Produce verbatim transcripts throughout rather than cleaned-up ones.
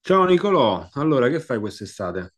Ciao Nicolò, allora che fai quest'estate?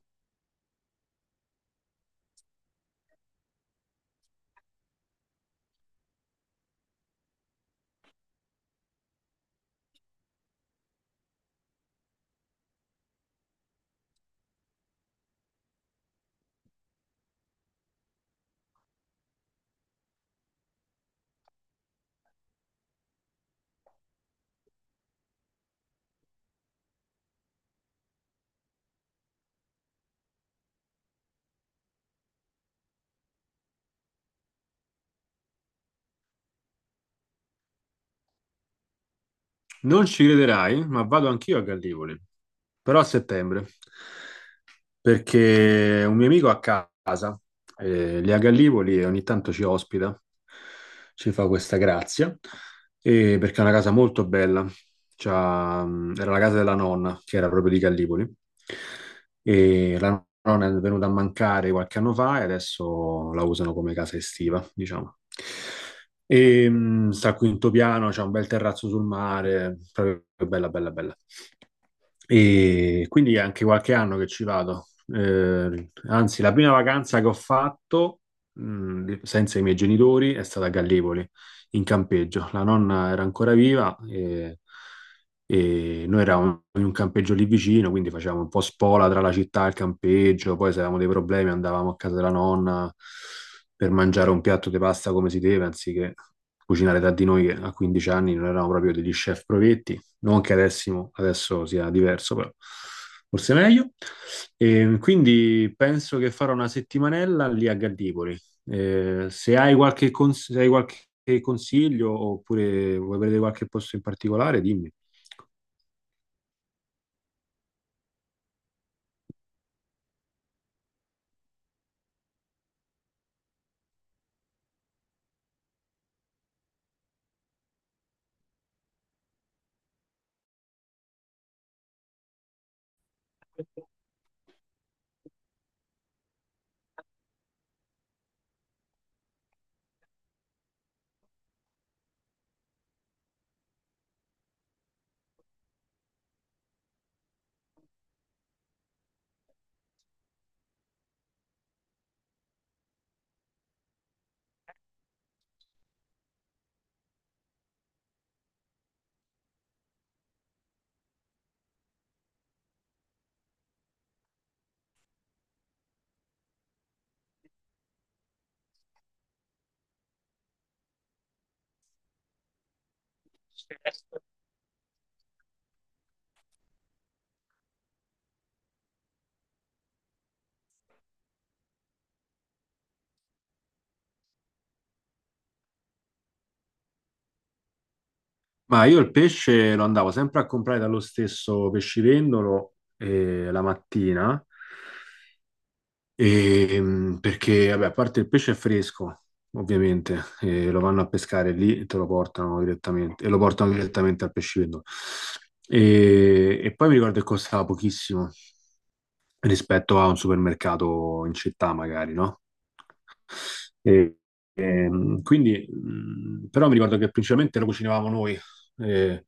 Non ci crederai, ma vado anch'io a Gallipoli, però a settembre, perché un mio amico a casa, eh, lì a Gallipoli, e ogni tanto ci ospita, ci fa questa grazia, e perché è una casa molto bella. C'ha, mh, era la casa della nonna, che era proprio di Gallipoli, e la nonna è venuta a mancare qualche anno fa e adesso la usano come casa estiva, diciamo. E, mh, sta al quinto piano, c'è un bel terrazzo sul mare, proprio bella, bella, bella. E quindi è anche qualche anno che ci vado. Eh, anzi, la prima vacanza che ho fatto, mh, senza i miei genitori, è stata a Gallipoli, in campeggio. La nonna era ancora viva e, e noi eravamo in un campeggio lì vicino, quindi facevamo un po' spola tra la città e il campeggio. Poi se avevamo dei problemi andavamo a casa della nonna per mangiare un piatto di pasta come si deve, anziché cucinare da di noi che a quindici anni non eravamo proprio degli chef provetti, non che adesso, adesso sia diverso, però forse meglio. E quindi penso che farò una settimanella lì a Gallipoli. Eh, se hai qualche, cons- se hai qualche consiglio oppure vuoi prendere qualche posto in particolare, dimmi. Ma io il pesce lo andavo sempre a comprare dallo stesso pescivendolo, eh, la mattina. Ehm, perché, vabbè, a parte il pesce è fresco, ovviamente, e lo vanno a pescare lì e te lo portano direttamente, e lo portano direttamente al pescivendolo. E, e poi mi ricordo che costava pochissimo, rispetto a un supermercato in città, magari, no? E, ehm, quindi, mh, però mi ricordo che principalmente lo cucinavamo noi. Eh,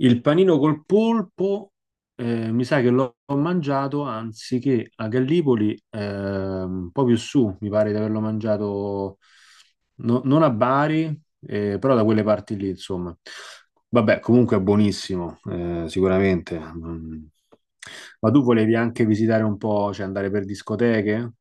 il panino col polpo, eh, mi sa che l'ho mangiato anziché a Gallipoli, ehm, un po' più su, mi pare di averlo mangiato no- non a Bari, eh, però da quelle parti lì, insomma. Vabbè, comunque è buonissimo, eh, sicuramente. Mm. Ma tu volevi anche visitare un po', cioè andare per discoteche?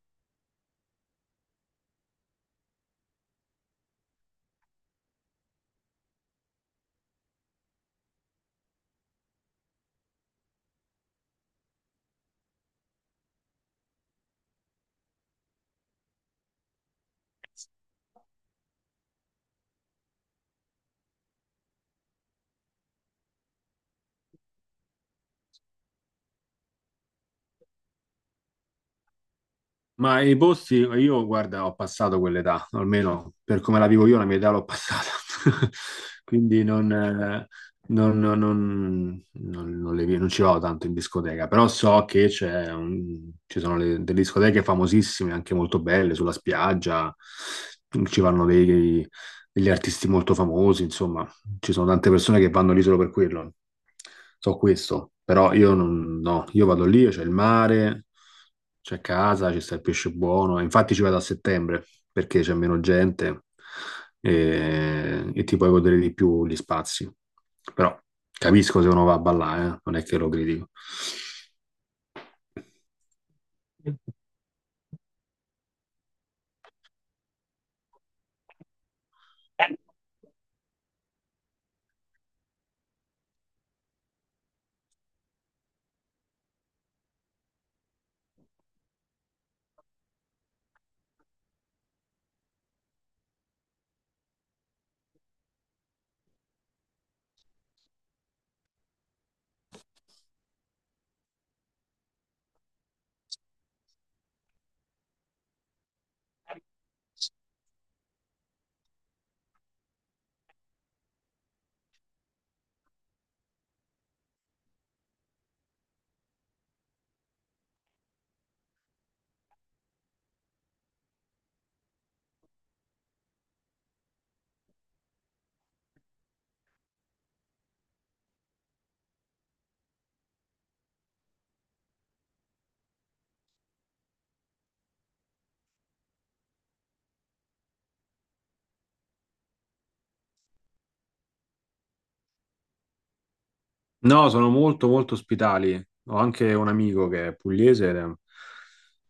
Ma i posti, io guarda, ho passato quell'età, almeno per come la vivo io, la mia età l'ho passata. Quindi non, eh, non, non- non- non- non le vi- non ci vado tanto in discoteca, però so che c'è un- ci sono le- delle discoteche famosissime, anche molto belle, sulla spiaggia, ci vanno dei- degli artisti molto famosi, insomma. Ci sono tante persone che vanno lì solo per quello. So questo, però io non, no, io vado lì, c'è il mare, c'è casa, ci sta il pesce buono. Infatti ci vado a settembre perché c'è meno gente e, e ti puoi godere di più gli spazi. Però capisco se uno va a ballare, eh, non è che lo critico. No, sono molto molto ospitali. Ho anche un amico che è pugliese ed è-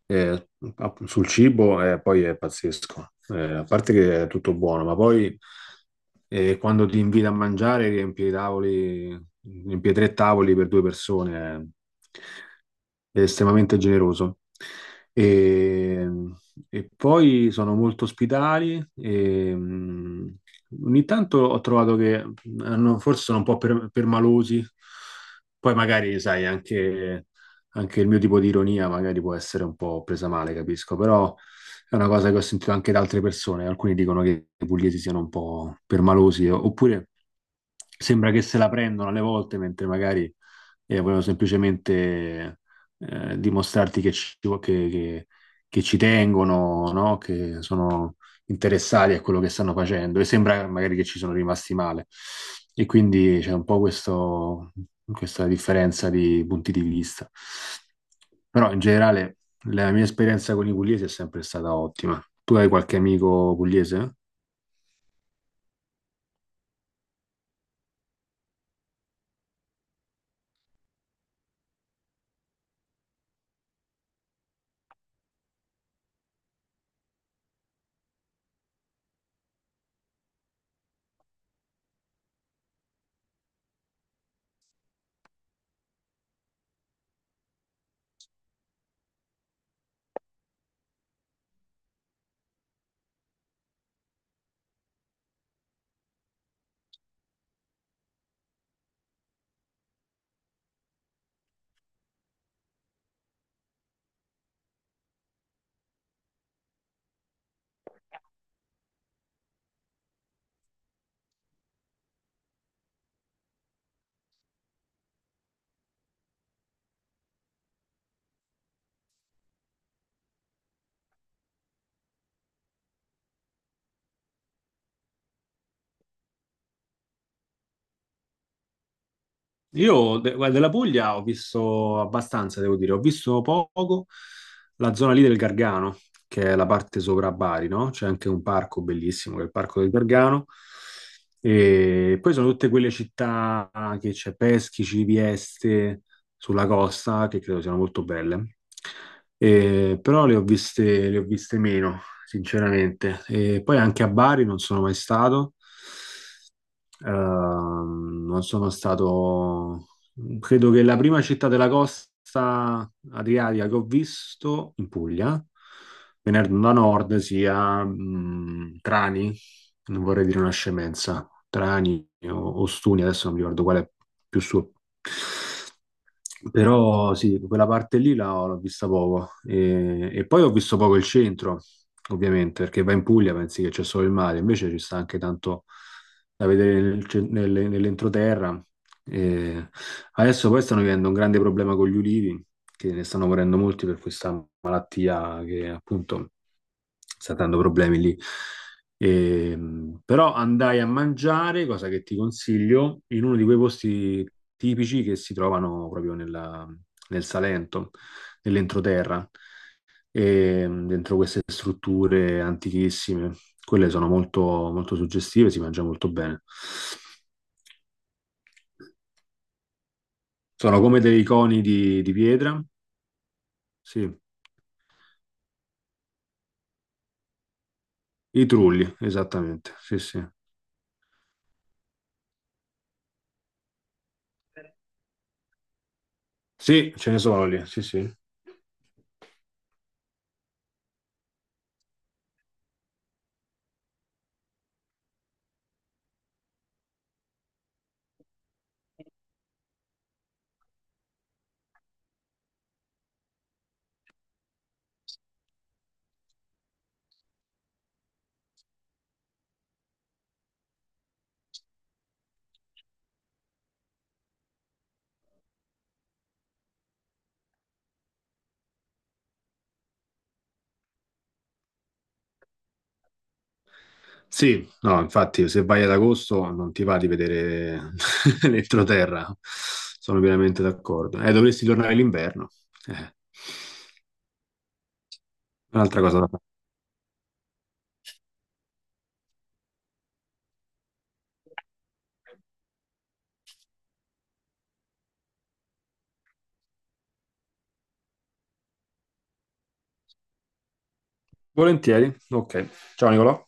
è- app- sul cibo e poi è pazzesco. Eh, a parte che è tutto buono, ma poi eh, quando ti invita a mangiare riempi i tavoli, riempi tre tavoli per due persone, è estremamente generoso. E, e poi sono molto ospitali e, mm, ogni tanto ho trovato che hanno- forse sono un po' per- permalosi, poi magari, sai, anche, anche il mio tipo di ironia magari può essere un po' presa male, capisco, però è una cosa che ho sentito anche da altre persone, alcuni dicono che i pugliesi siano un po' permalosi, oppure sembra che se la prendono alle volte, mentre magari eh, vogliono semplicemente eh, dimostrarti che ci, che- che- che ci tengono, no? Che sono interessati a quello che stanno facendo e sembra magari che ci sono rimasti male. E quindi c'è un po' questo- questa differenza di punti di vista. Però in generale la mia esperienza con i pugliesi è sempre stata ottima. Tu hai qualche amico pugliese? Io de- guarda, della Puglia ho visto abbastanza, devo dire, ho visto poco la zona lì del Gargano, che è la parte sopra Bari, no? C'è anche un parco bellissimo, che è il Parco del Gargano. E poi sono tutte quelle città che c'è Peschici, Vieste, sulla costa, che credo siano molto belle. E- però le ho viste, le ho viste meno, sinceramente. E poi anche a Bari non sono mai stato. Ehm, non sono stato, credo che la prima città della costa adriatica che ho visto in Puglia, venendo da nord, sia, mh, Trani, non vorrei dire una scemenza, Trani o, o Stuni, adesso non mi ricordo qual è più su. Però sì, quella parte lì la- l'ho vista poco. E, e poi ho visto poco il centro, ovviamente, perché vai in Puglia, pensi che c'è solo il mare, invece ci sta anche tanto da vedere nel ce- nelle- nell'entroterra. E adesso poi stanno vivendo un grande problema con gli ulivi, che ne stanno morendo molti per questa malattia che appunto sta dando problemi lì. Ehm, però andai a mangiare, cosa che ti consiglio, in uno di quei posti tipici che si trovano proprio nella- nel Salento, nell'entroterra, ehm, dentro queste strutture antichissime. Quelle sono molto, molto suggestive, si mangia molto bene. Sono come dei coni di, di pietra, sì, i trulli, esattamente, sì, sì. Sì, ce ne sono lì, sì, sì. Sì, no, infatti se vai ad agosto non ti va di vedere l'entroterra, sono pienamente d'accordo. Eh, dovresti tornare l'inverno. Eh, un'altra cosa da fare. Volentieri, ok. Ciao Nicolò.